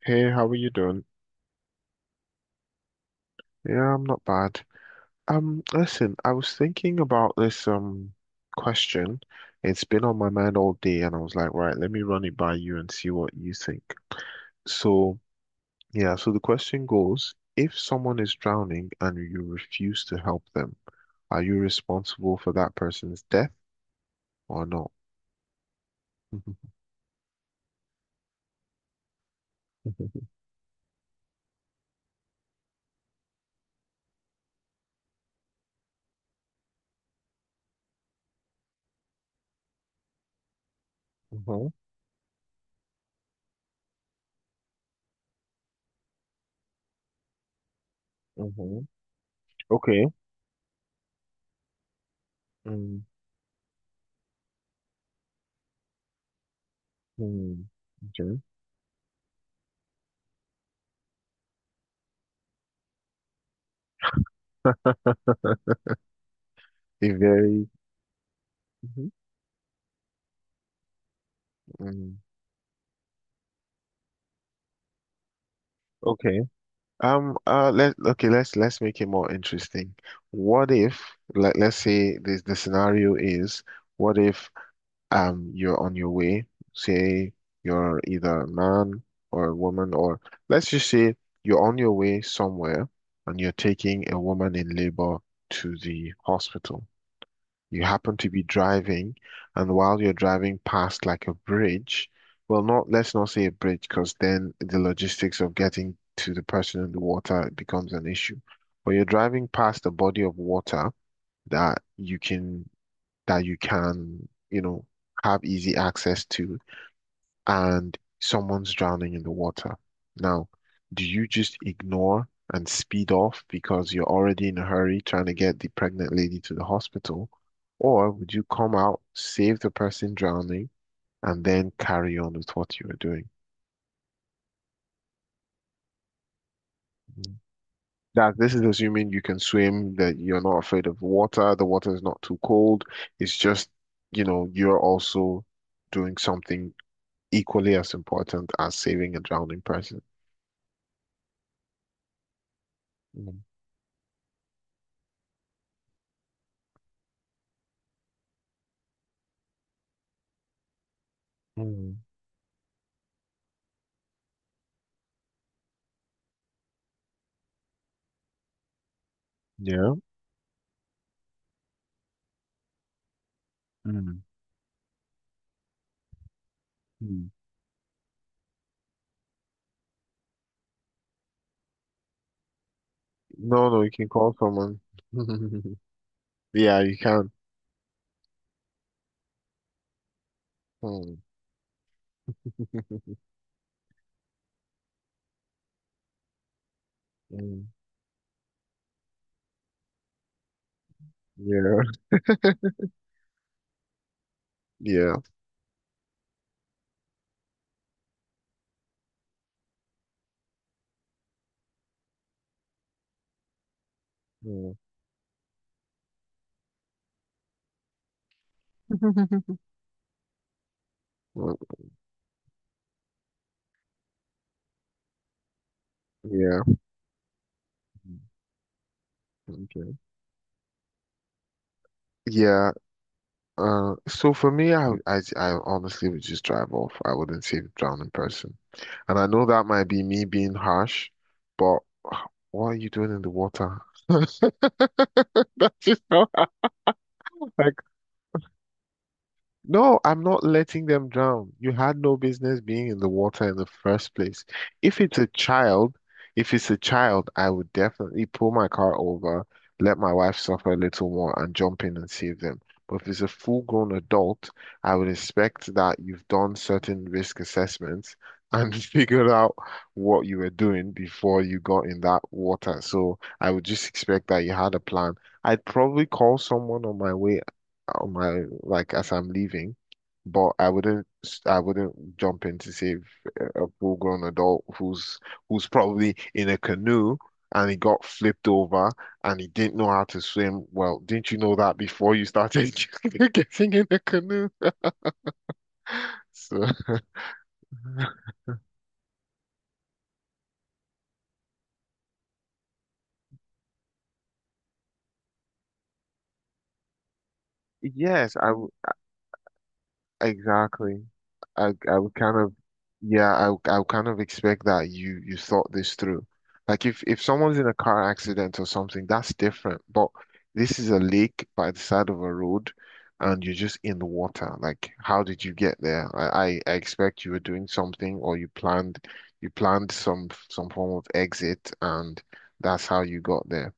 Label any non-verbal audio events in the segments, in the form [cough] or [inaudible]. Hey, how are you doing? Yeah, I'm not bad. Listen, I was thinking about this question. It's been on my mind all day, and I was like, right, let me run it by you and see what you think. So, yeah, so the question goes, if someone is drowning and you refuse to help them, are you responsible for that person's death or not? [laughs] hmm hmm Okay. hmm Okay. [laughs] A very. Mhm. mm, Okay. Let Okay, let's make it more interesting. What if, let's say this the scenario is, what if you're on your way, say you're either a man or a woman, or let's just say you're on your way somewhere and you're taking a woman in labor to the hospital, you happen to be driving, and while you're driving past like a bridge, well, not let's not say a bridge, because then the logistics of getting to the person in the water becomes an issue. But you're driving past a body of water that you can, you know, have easy access to, and someone's drowning in the water. Now, do you just ignore and speed off because you're already in a hurry trying to get the pregnant lady to the hospital? Or would you come out, save the person drowning, and then carry on with what you were doing? Mm. That This is assuming you can swim, that you're not afraid of water, the water is not too cold. It's just, you know, you're also doing something equally as important as saving a drowning person. Mm. Mm. Yeah. Mm, mm. No, no, you can call someone. [laughs] Yeah, you can. Hmm. [laughs] Mm. Yeah, yeah, yeah. [laughs] Well, yeah. Mm. Okay. Yeah. So for me, I honestly would just drive off. I wouldn't save drown in person. And I know that might be me being harsh, but [sighs] what are you doing in the water? [laughs] That's just how I. No, I'm not letting them drown. You had no business being in the water in the first place. If it's a child, if it's a child, I would definitely pull my car over, let my wife suffer a little more, and jump in and save them. But if it's a full-grown adult, I would expect that you've done certain risk assessments and [laughs] figured out what you were doing before you got in that water. So I would just expect that you had a plan. I'd probably call someone on my way, on my like as I'm leaving, but I wouldn't jump in to save a full-grown adult who's probably in a canoe and he got flipped over and he didn't know how to swim. Well, didn't you know that before you started [laughs] getting in the canoe? So [laughs] yes, I would. Exactly. I would kind of Yeah, I would kind of expect that you thought this through. Like if someone's in a car accident or something, that's different. But this is a lake by the side of a road and you're just in the water. Like how did you get there? I expect you were doing something or you planned, some form of exit and that's how you got there.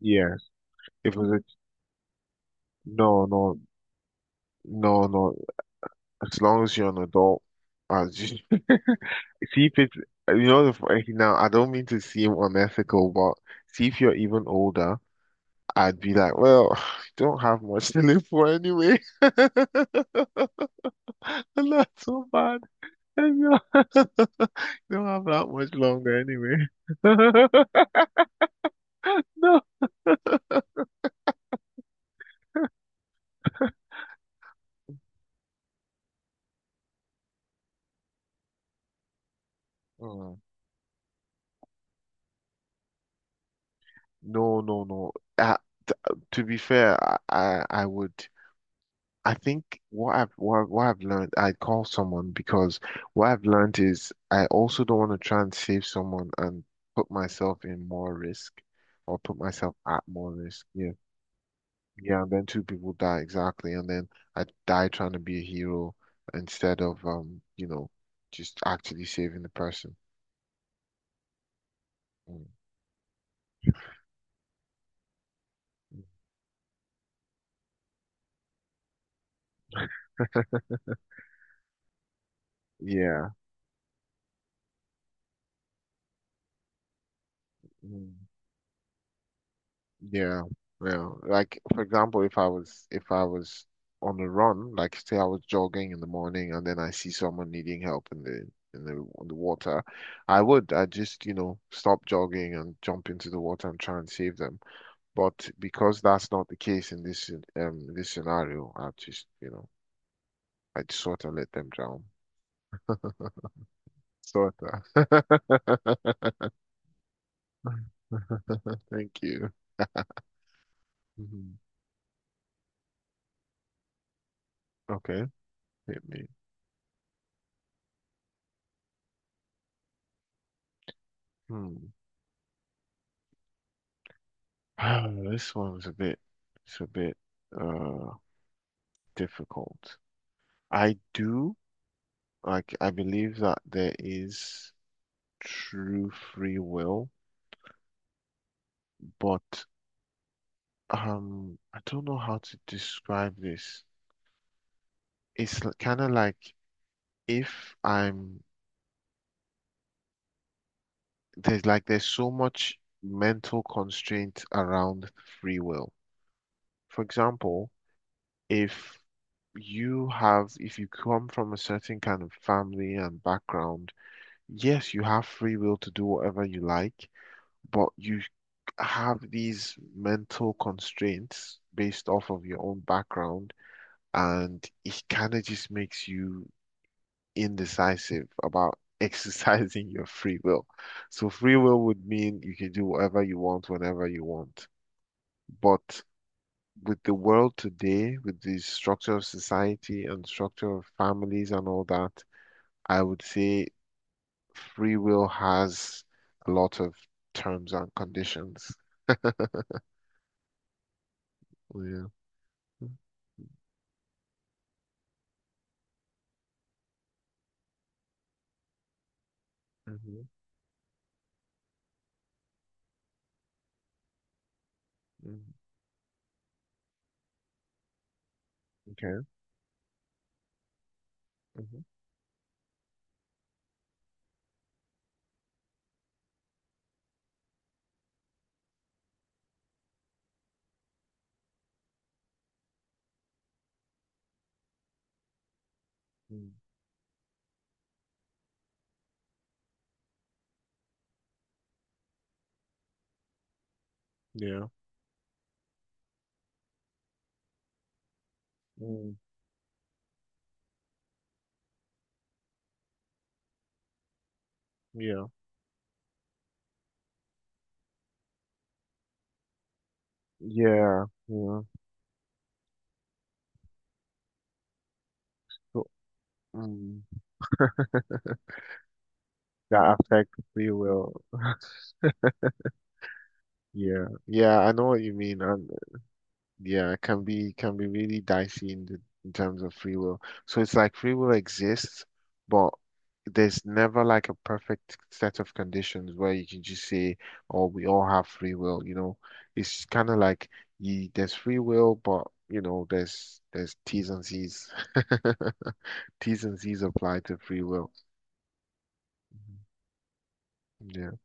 Yeah, if it was a, no, no, no, no. As long as you're an adult, as you [laughs] see if it's, you know, the f-, now I don't mean to seem unethical, but see if you're even older, I'd be like, well, [sighs] don't have much to live for anyway. [laughs] And that's so bad. And you [laughs] don't have that much longer anyway. [laughs] No. Mm. No, no, no. Uh, to be fair, I would. I think what I've learned, I call someone because what I've learned is I also don't want to try and save someone and put myself in more risk, or put myself at more risk. Yeah. Yeah, and then two people die, exactly, and then I die trying to be a hero instead of you know, just actually saving the person. Mm. Yeah. Mm. Yeah, yeah. Like for example, if I was on a run, like say I was jogging in the morning and then I see someone needing help in the, in the in the water, I just, you know, stop jogging and jump into the water and try and save them. But because that's not the case in this this scenario, I just, you know, I just sort of let them drown. Sort of. [laughs] Thank you. Mhm. Okay, hit me. Hmm. [sighs] This one's a bit, It's a bit. Uh, Difficult. I do, like, I believe that there is true free will, but I don't know how to describe this. It's kind of like if I'm there's like there's so much mental constraint around free will. For example, if you have if you come from a certain kind of family and background, yes, you have free will to do whatever you like, but you have these mental constraints based off of your own background, and it kind of just makes you indecisive about [laughs] exercising your free will. So, free will would mean you can do whatever you want whenever you want. But with the world today, with the structure of society and structure of families and all that, I would say free will has a lot of terms and conditions. Yeah. Mhm. Mhm. Okay. Mhm. Mm. Yeah. Mm. Yeah. Yeah, yeah. So, mm, that affects free will. [laughs] Yeah, yeah, I know what you mean, and yeah, it can be, really dicey in the, in terms of free will. So it's like free will exists, but there's never like a perfect set of conditions where you can just say, "Oh, we all have free will." You know, it's kind of like you, there's free will, but you know, there's T's and C's. [laughs] T's and C's apply to free will. Yeah. [laughs]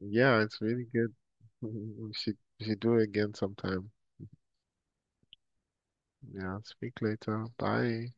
Yeah, it's really good. [laughs] We should do it again sometime. Yeah, speak later. Bye.